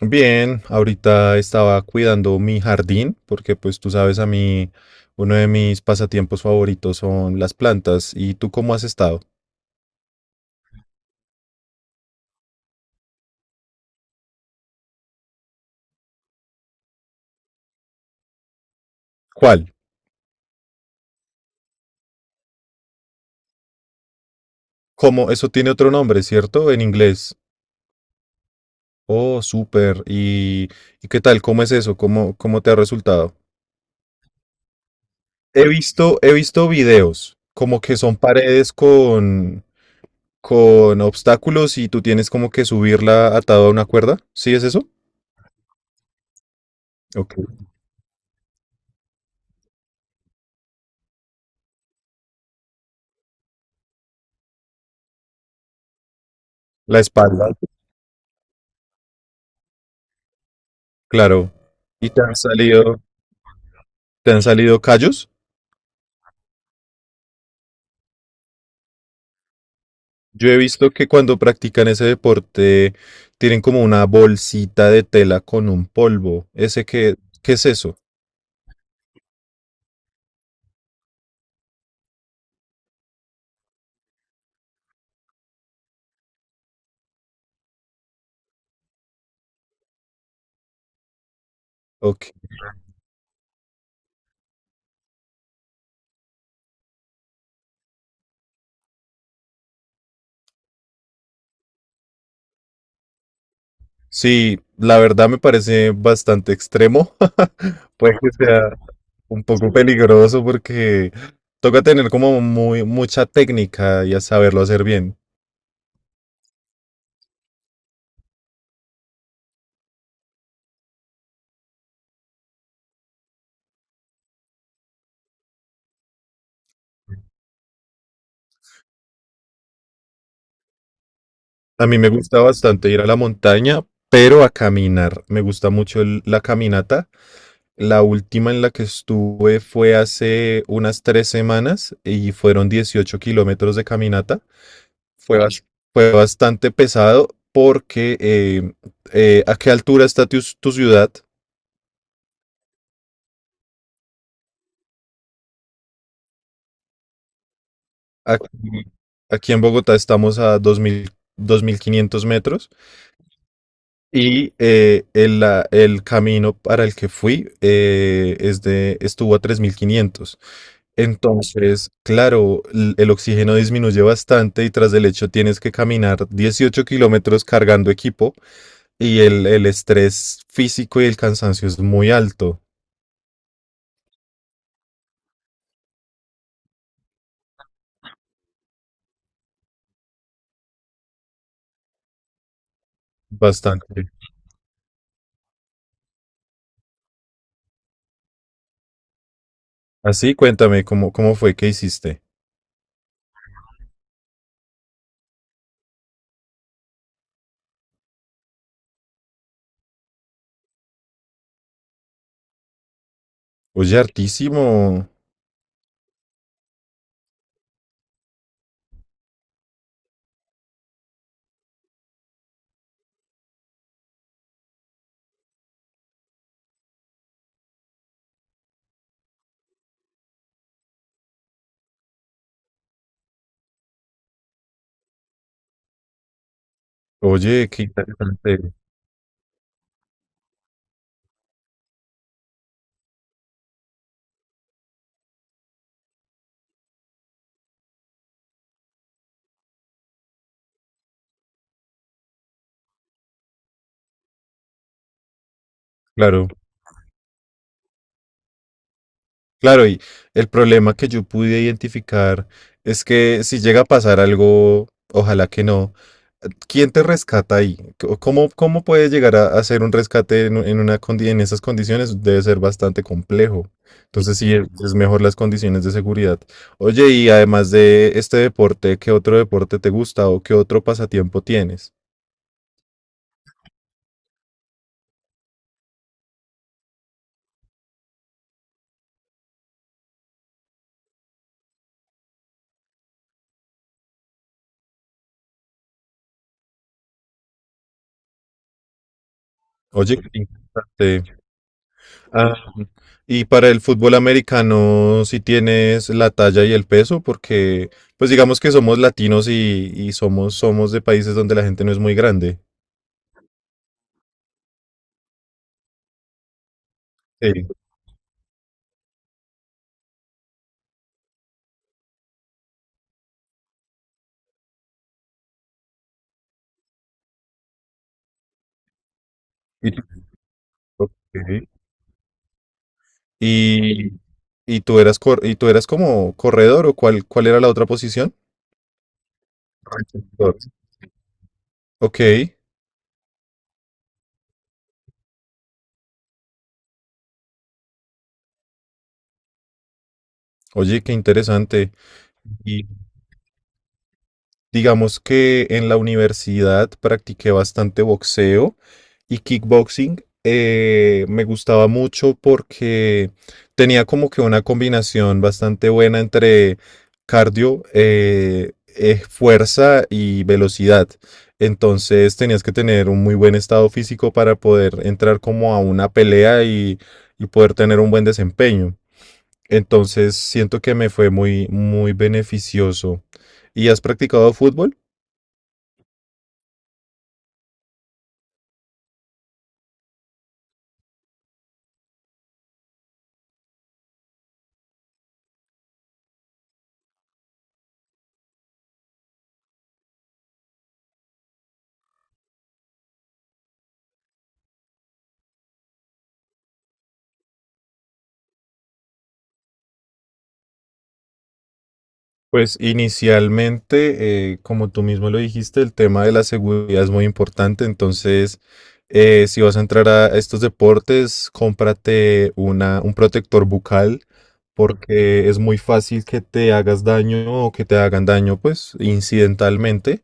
Bien, ahorita estaba cuidando mi jardín porque pues tú sabes a mí, uno de mis pasatiempos favoritos son las plantas. ¿Y tú cómo has estado? ¿Cuál? ¿Cómo? Eso tiene otro nombre, ¿cierto? En inglés. Oh, súper. ¿Y qué tal? ¿Cómo es eso? ¿Cómo te ha resultado? He visto videos, como que son paredes con obstáculos y tú tienes como que subirla atado a una cuerda. ¿Sí es eso? Ok. La espalda. Claro. ¿Y te han salido callos? Yo he visto que cuando practican ese deporte tienen como una bolsita de tela con un polvo. ¿Ese qué es eso? Ok. Sí, la verdad me parece bastante extremo. Puede que sea. Un poco peligroso porque toca tener como muy mucha técnica y a saberlo hacer bien. A mí me gusta bastante ir a la montaña, pero a caminar. Me gusta mucho la caminata. La última en la que estuve fue hace unas 3 semanas y fueron 18 kilómetros de caminata. Fue, bas- fue bastante pesado porque ¿a qué altura está tu ciudad? Aquí, aquí en Bogotá estamos a dos mil dos mil 2.500 metros. Y el camino para el que fui estuvo a 3.500. Entonces, claro, el oxígeno disminuye bastante y tras el hecho tienes que caminar 18 kilómetros cargando equipo y el estrés físico y el cansancio es muy alto, bastante. Así, cuéntame, ¿cómo fue que hiciste? Oye, hartísimo. Oye, qué interesante. Claro. Claro, y el problema que yo pude identificar es que si llega a pasar algo, ojalá que no, ¿quién te rescata ahí? ¿Cómo puedes llegar a hacer un rescate en, u- en una, condi- en esas condiciones? Debe ser bastante complejo. Entonces, sí, es mejor las condiciones de seguridad. Oye, y además de este deporte, ¿qué otro deporte te gusta o qué otro pasatiempo tienes? Oye, qué interesante. Y para el fútbol americano, si tienes la talla y el peso, porque pues digamos que somos latinos y somos de países donde la gente no es muy grande. Sí. Y, tú ok. y, y tú eras cor- y tú eras como corredor o cuál era la otra posición? Receptor. Ok. Oye, qué interesante. Digamos que en la universidad practiqué bastante boxeo y kickboxing. Me gustaba mucho porque tenía como que una combinación bastante buena entre cardio, fuerza y velocidad. Entonces tenías que tener un muy buen estado físico para poder entrar como a una pelea y poder tener un buen desempeño. Entonces siento que me fue muy, muy beneficioso. ¿Y has practicado fútbol? Pues inicialmente, como tú mismo lo dijiste, el tema de la seguridad es muy importante. Entonces, si vas a entrar a estos deportes, cómprate un protector bucal porque es muy fácil que te hagas daño o que te hagan daño, pues, incidentalmente.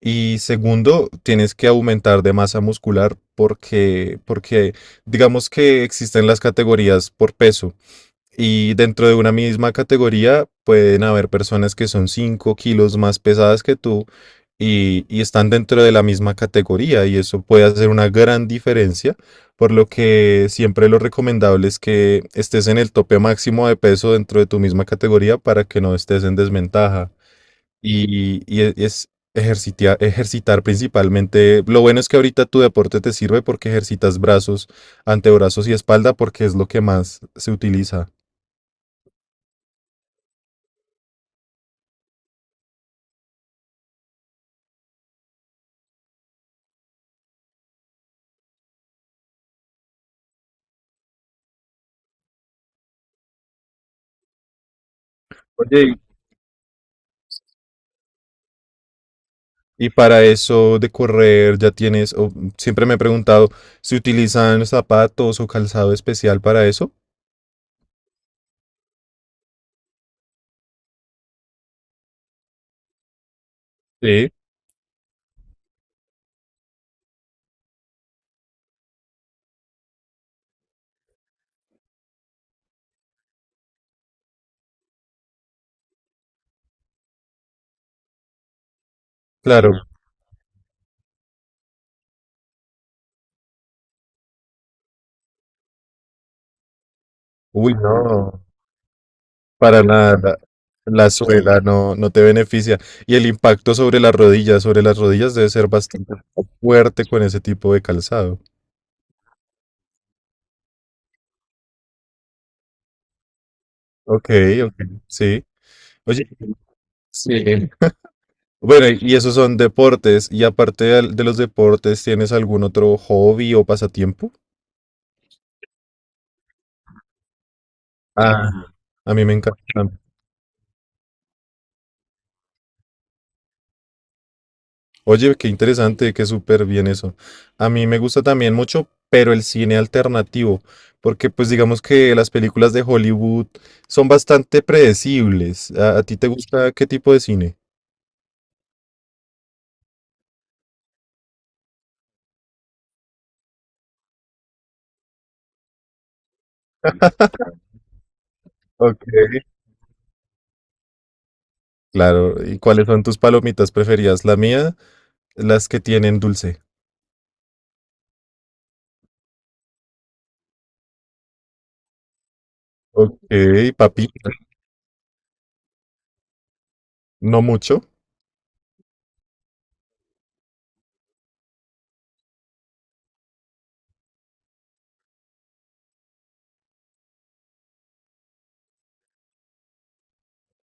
Y segundo, tienes que aumentar de masa muscular porque digamos que existen las categorías por peso. Y dentro de una misma categoría pueden haber personas que son 5 kilos más pesadas que tú y están dentro de la misma categoría y eso puede hacer una gran diferencia, por lo que siempre lo recomendable es que estés en el tope máximo de peso dentro de tu misma categoría para que no estés en desventaja. Y, y e, es Ejercitar principalmente. Lo bueno es que ahorita tu deporte te sirve porque ejercitas brazos, antebrazos y espalda porque es lo que más se utiliza. Oye, y para eso de correr siempre me he preguntado, ¿se utilizan zapatos o calzado especial para eso? Sí. Claro. Uy, no. Para nada, la suela no, no te beneficia. Y el impacto sobre las rodillas debe ser bastante fuerte con ese tipo de calzado. Ok, ok, sí. Oye, Sí. Bueno, y esos son deportes. Y aparte de los deportes, ¿tienes algún otro hobby o pasatiempo? Ah, a mí me encanta. Oye, qué interesante, qué súper bien eso. A mí me gusta también mucho, pero el cine alternativo, porque pues digamos que las películas de Hollywood son bastante predecibles. ¿A ti te gusta qué tipo de cine? Ok. Claro, ¿y cuáles son tus palomitas preferidas? La mía, las que tienen dulce. Ok, papitas ¿No mucho?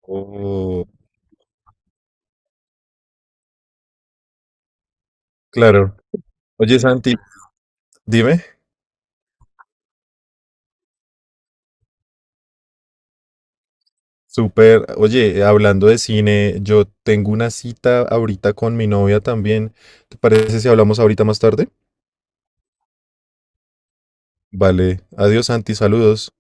Oh, claro. Oye, Santi, dime. Súper. Oye, hablando de cine, yo tengo una cita ahorita con mi novia también. ¿Te parece si hablamos ahorita más tarde? Vale. Adiós, Santi. Saludos.